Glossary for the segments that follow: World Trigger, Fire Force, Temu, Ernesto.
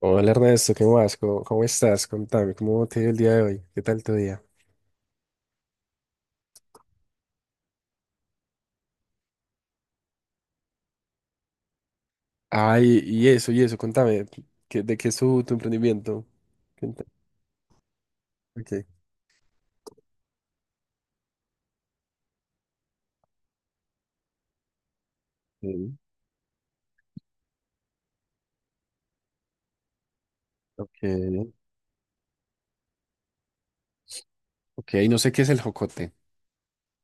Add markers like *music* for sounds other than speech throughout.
Hola Ernesto, ¿qué más? ¿Cómo estás? Contame, ¿cómo te dio el día de hoy? ¿Qué tal tu día? Ay, y eso, contame, ¿de qué es tu emprendimiento? Cuenta- Ok. Mm, ok, ok, no sé qué es el jocote.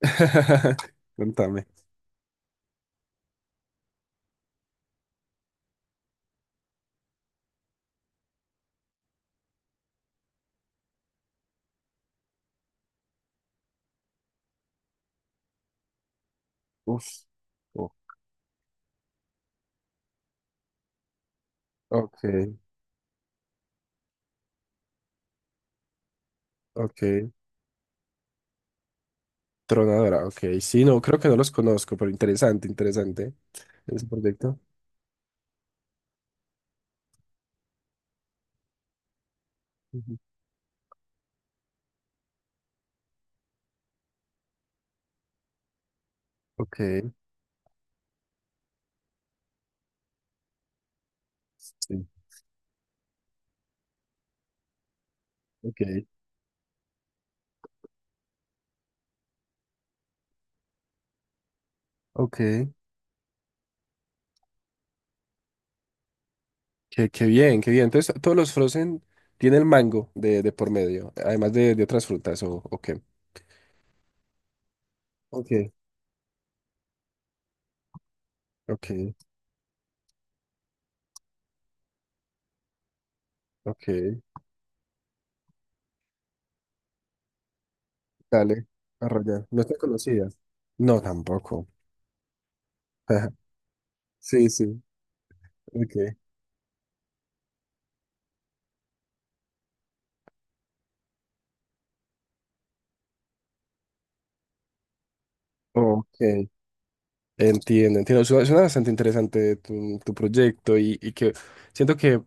*laughs* Contame. Uf, uf, ok, ok, tronadora, ok. Sí, no, creo que no los conozco, pero interesante, interesante ese proyecto. Ujú. Ok, sí, ok, ok. Qué bien, qué bien. Entonces, todos los frozen tienen mango de por medio, además de otras frutas, ¿o qué? Ok, ok, ok. Dale, arrollar. No te conocía. No, tampoco. *laughs* Sí, sí, ok. Ok. Entiendo, entiendo. Suena bastante interesante tu proyecto y que siento que,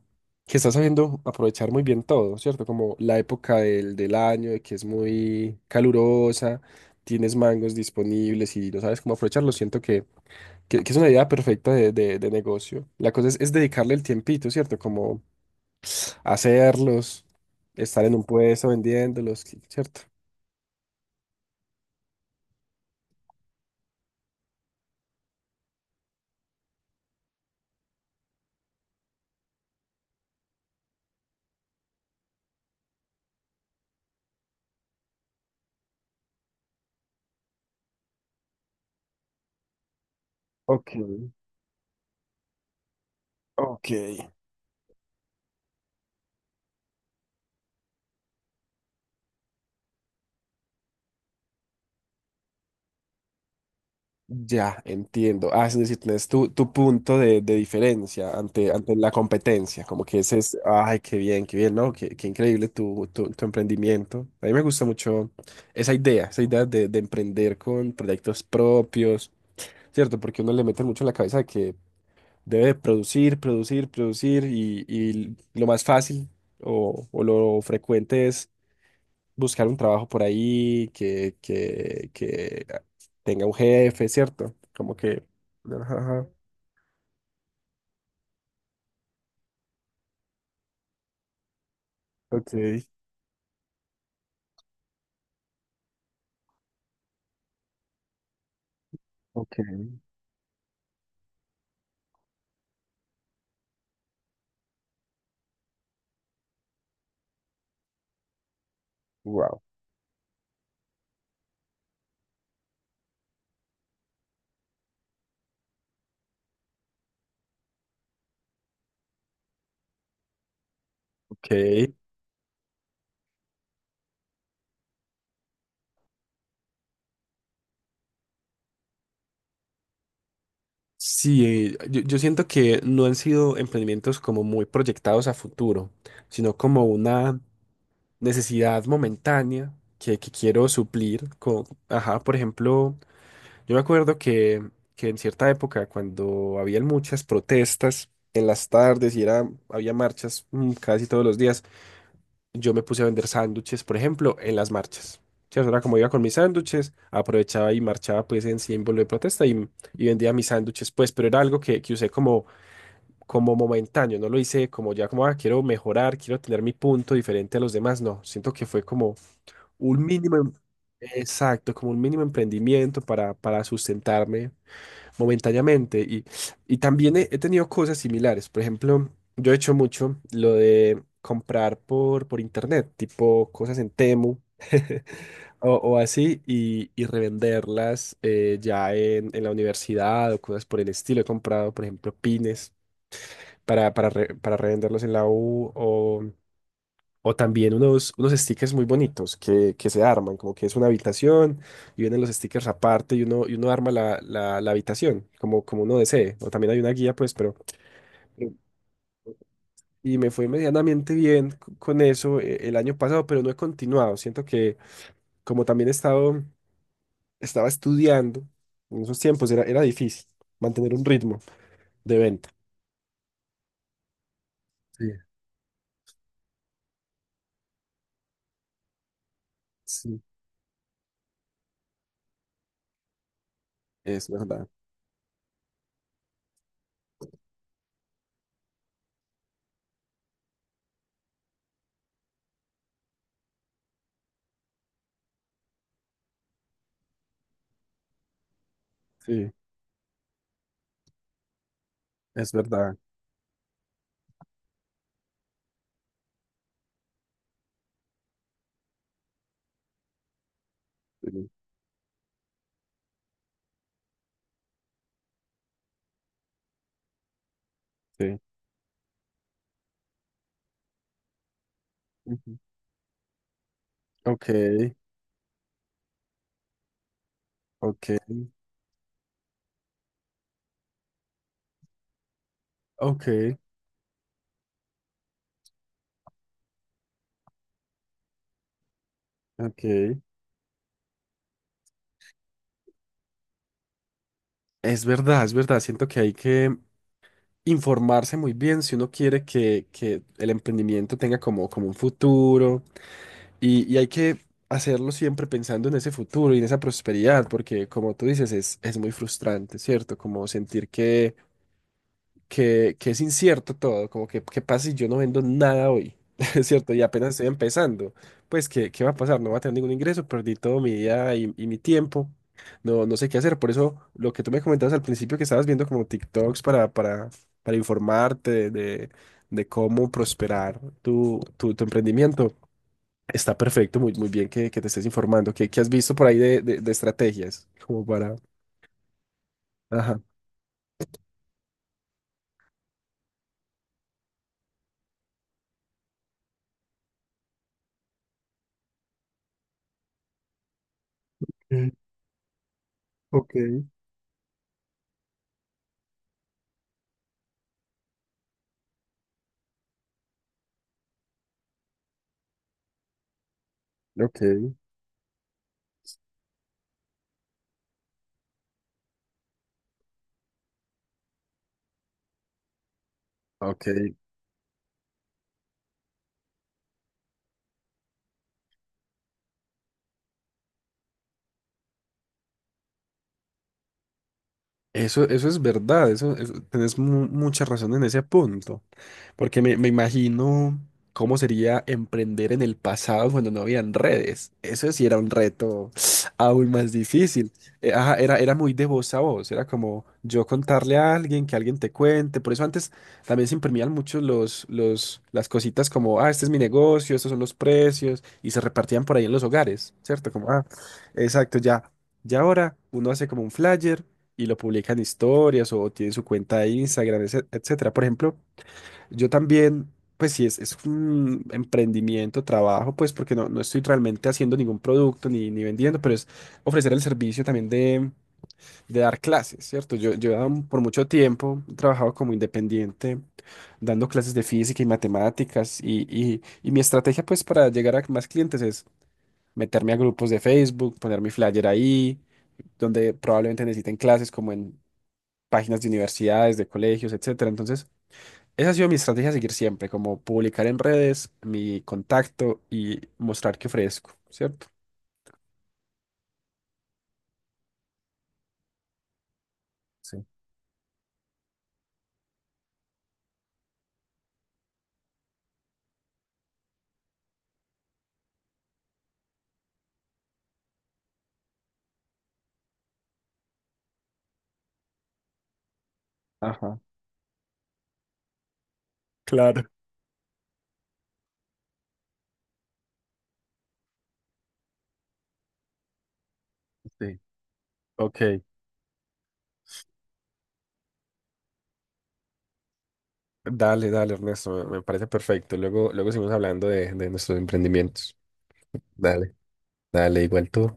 que estás sabiendo aprovechar muy bien todo, ¿cierto? Como la época del año, de que es muy calurosa, tienes mangos disponibles y no sabes cómo aprovecharlos. Siento que es una idea perfecta de negocio. La cosa es dedicarle el tiempito, ¿cierto? Como hacerlos, estar en un puesto vendiéndolos, ¿cierto? Ok, ok. Ya, entiendo. Ah, es decir, tienes tu punto de diferencia ante la competencia. Como que ese es, ay, qué bien, ¿no? Qué increíble tu emprendimiento. A mí me gusta mucho esa idea de emprender con proyectos propios, ¿cierto? Porque uno le mete mucho en la cabeza de que debe producir, producir, producir y lo más fácil o lo frecuente es buscar un trabajo por ahí que tenga un jefe, ¿cierto? Como que... Ajá, ajá. Ok, ok, wow. Ok. Sí, yo siento que no han sido emprendimientos como muy proyectados a futuro, sino como una necesidad momentánea que quiero suplir con, ajá, por ejemplo... Yo me acuerdo que en cierta época, cuando habían muchas protestas en las tardes y había marchas casi todos los días, yo me puse a vender sándwiches, por ejemplo, en las marchas. Sí, eso era como iba con mis sándwiches, aprovechaba y marchaba pues en símbolo de protesta y vendía mis sándwiches pues, pero era algo que usé como, como momentáneo, no lo hice como ya como, ah, quiero mejorar, quiero tener mi punto diferente a los demás, no, siento que fue como un mínimo, exacto, como un mínimo emprendimiento para sustentarme momentáneamente. Y también he tenido cosas similares. Por ejemplo, yo he hecho mucho lo de comprar por internet, tipo cosas en Temu *laughs* o así, y revenderlas ya en la universidad o cosas por el estilo. He comprado, por ejemplo, pines para revenderlos en la U o también unos stickers muy bonitos que se arman, como que es una habitación y vienen los stickers aparte y uno arma la habitación como uno desee. O también hay una guía, pues, pero... eh, Y me fue medianamente bien con eso el año pasado, pero no he continuado. Siento que como también estaba estudiando en esos tiempos, era difícil mantener un ritmo de venta. Sí, sí, es verdad. Sí, es verdad. Sí, sí. Ujú. Ok, ok, ok. Ok. Es verdad, es verdad. Siento que hay que informarse muy bien si uno quiere que el emprendimiento tenga como un futuro y hay que hacerlo siempre pensando en ese futuro y en esa prosperidad, porque como tú dices, es muy frustrante, ¿cierto? Como sentir que es incierto todo, como que qué pasa si yo no vendo nada hoy, *laughs* es cierto, y apenas estoy empezando, pues ¿qué va a pasar? No va a tener ningún ingreso, perdí todo mi día y mi tiempo, no, no sé qué hacer, por eso lo que tú me comentabas al principio que estabas viendo como TikToks para informarte de cómo prosperar tu emprendimiento. Está perfecto, muy, muy bien que te estés informando. ¿Qué has visto por ahí de estrategias? Como para... Ajá. Ok. Ok, ok. Eso es verdad, tenés mucha razón en ese punto. Porque me imagino cómo sería emprender en el pasado cuando no habían redes. Eso sí era un reto *sniffs* aún más difícil. Ajá, era muy de voz a voz. Era como yo contarle a alguien, que alguien te cuente. Por eso antes también se imprimían mucho las cositas como, ah, este es mi negocio, estos son los precios. Y se repartían por ahí en los hogares, ¿cierto? Como, ah, exacto, ya. Ya ahora uno hace como un flyer y lo publica en historias o tiene su cuenta de Instagram, etcétera. Por ejemplo. Yo también, pues sí, es un emprendimiento, trabajo, pues porque no estoy realmente haciendo ningún producto ni vendiendo, pero es ofrecer el servicio también de dar clases, ¿cierto? Yo he dado por mucho tiempo he trabajado como independiente, dando clases de física y matemáticas, y mi estrategia, pues, para llegar a más clientes es meterme a grupos de Facebook, poner mi flyer ahí, donde probablemente necesiten clases como en páginas de universidades, de colegios, etcétera. Entonces, esa ha sido mi estrategia a seguir siempre, como publicar en redes mi contacto y mostrar que ofrezco, ¿cierto? Sí, ajá, claro. Sí. Ok, dale, dale, Ernesto, me parece perfecto. Luego, luego seguimos hablando de nuestros emprendimientos. Dale. Dale, igual tú.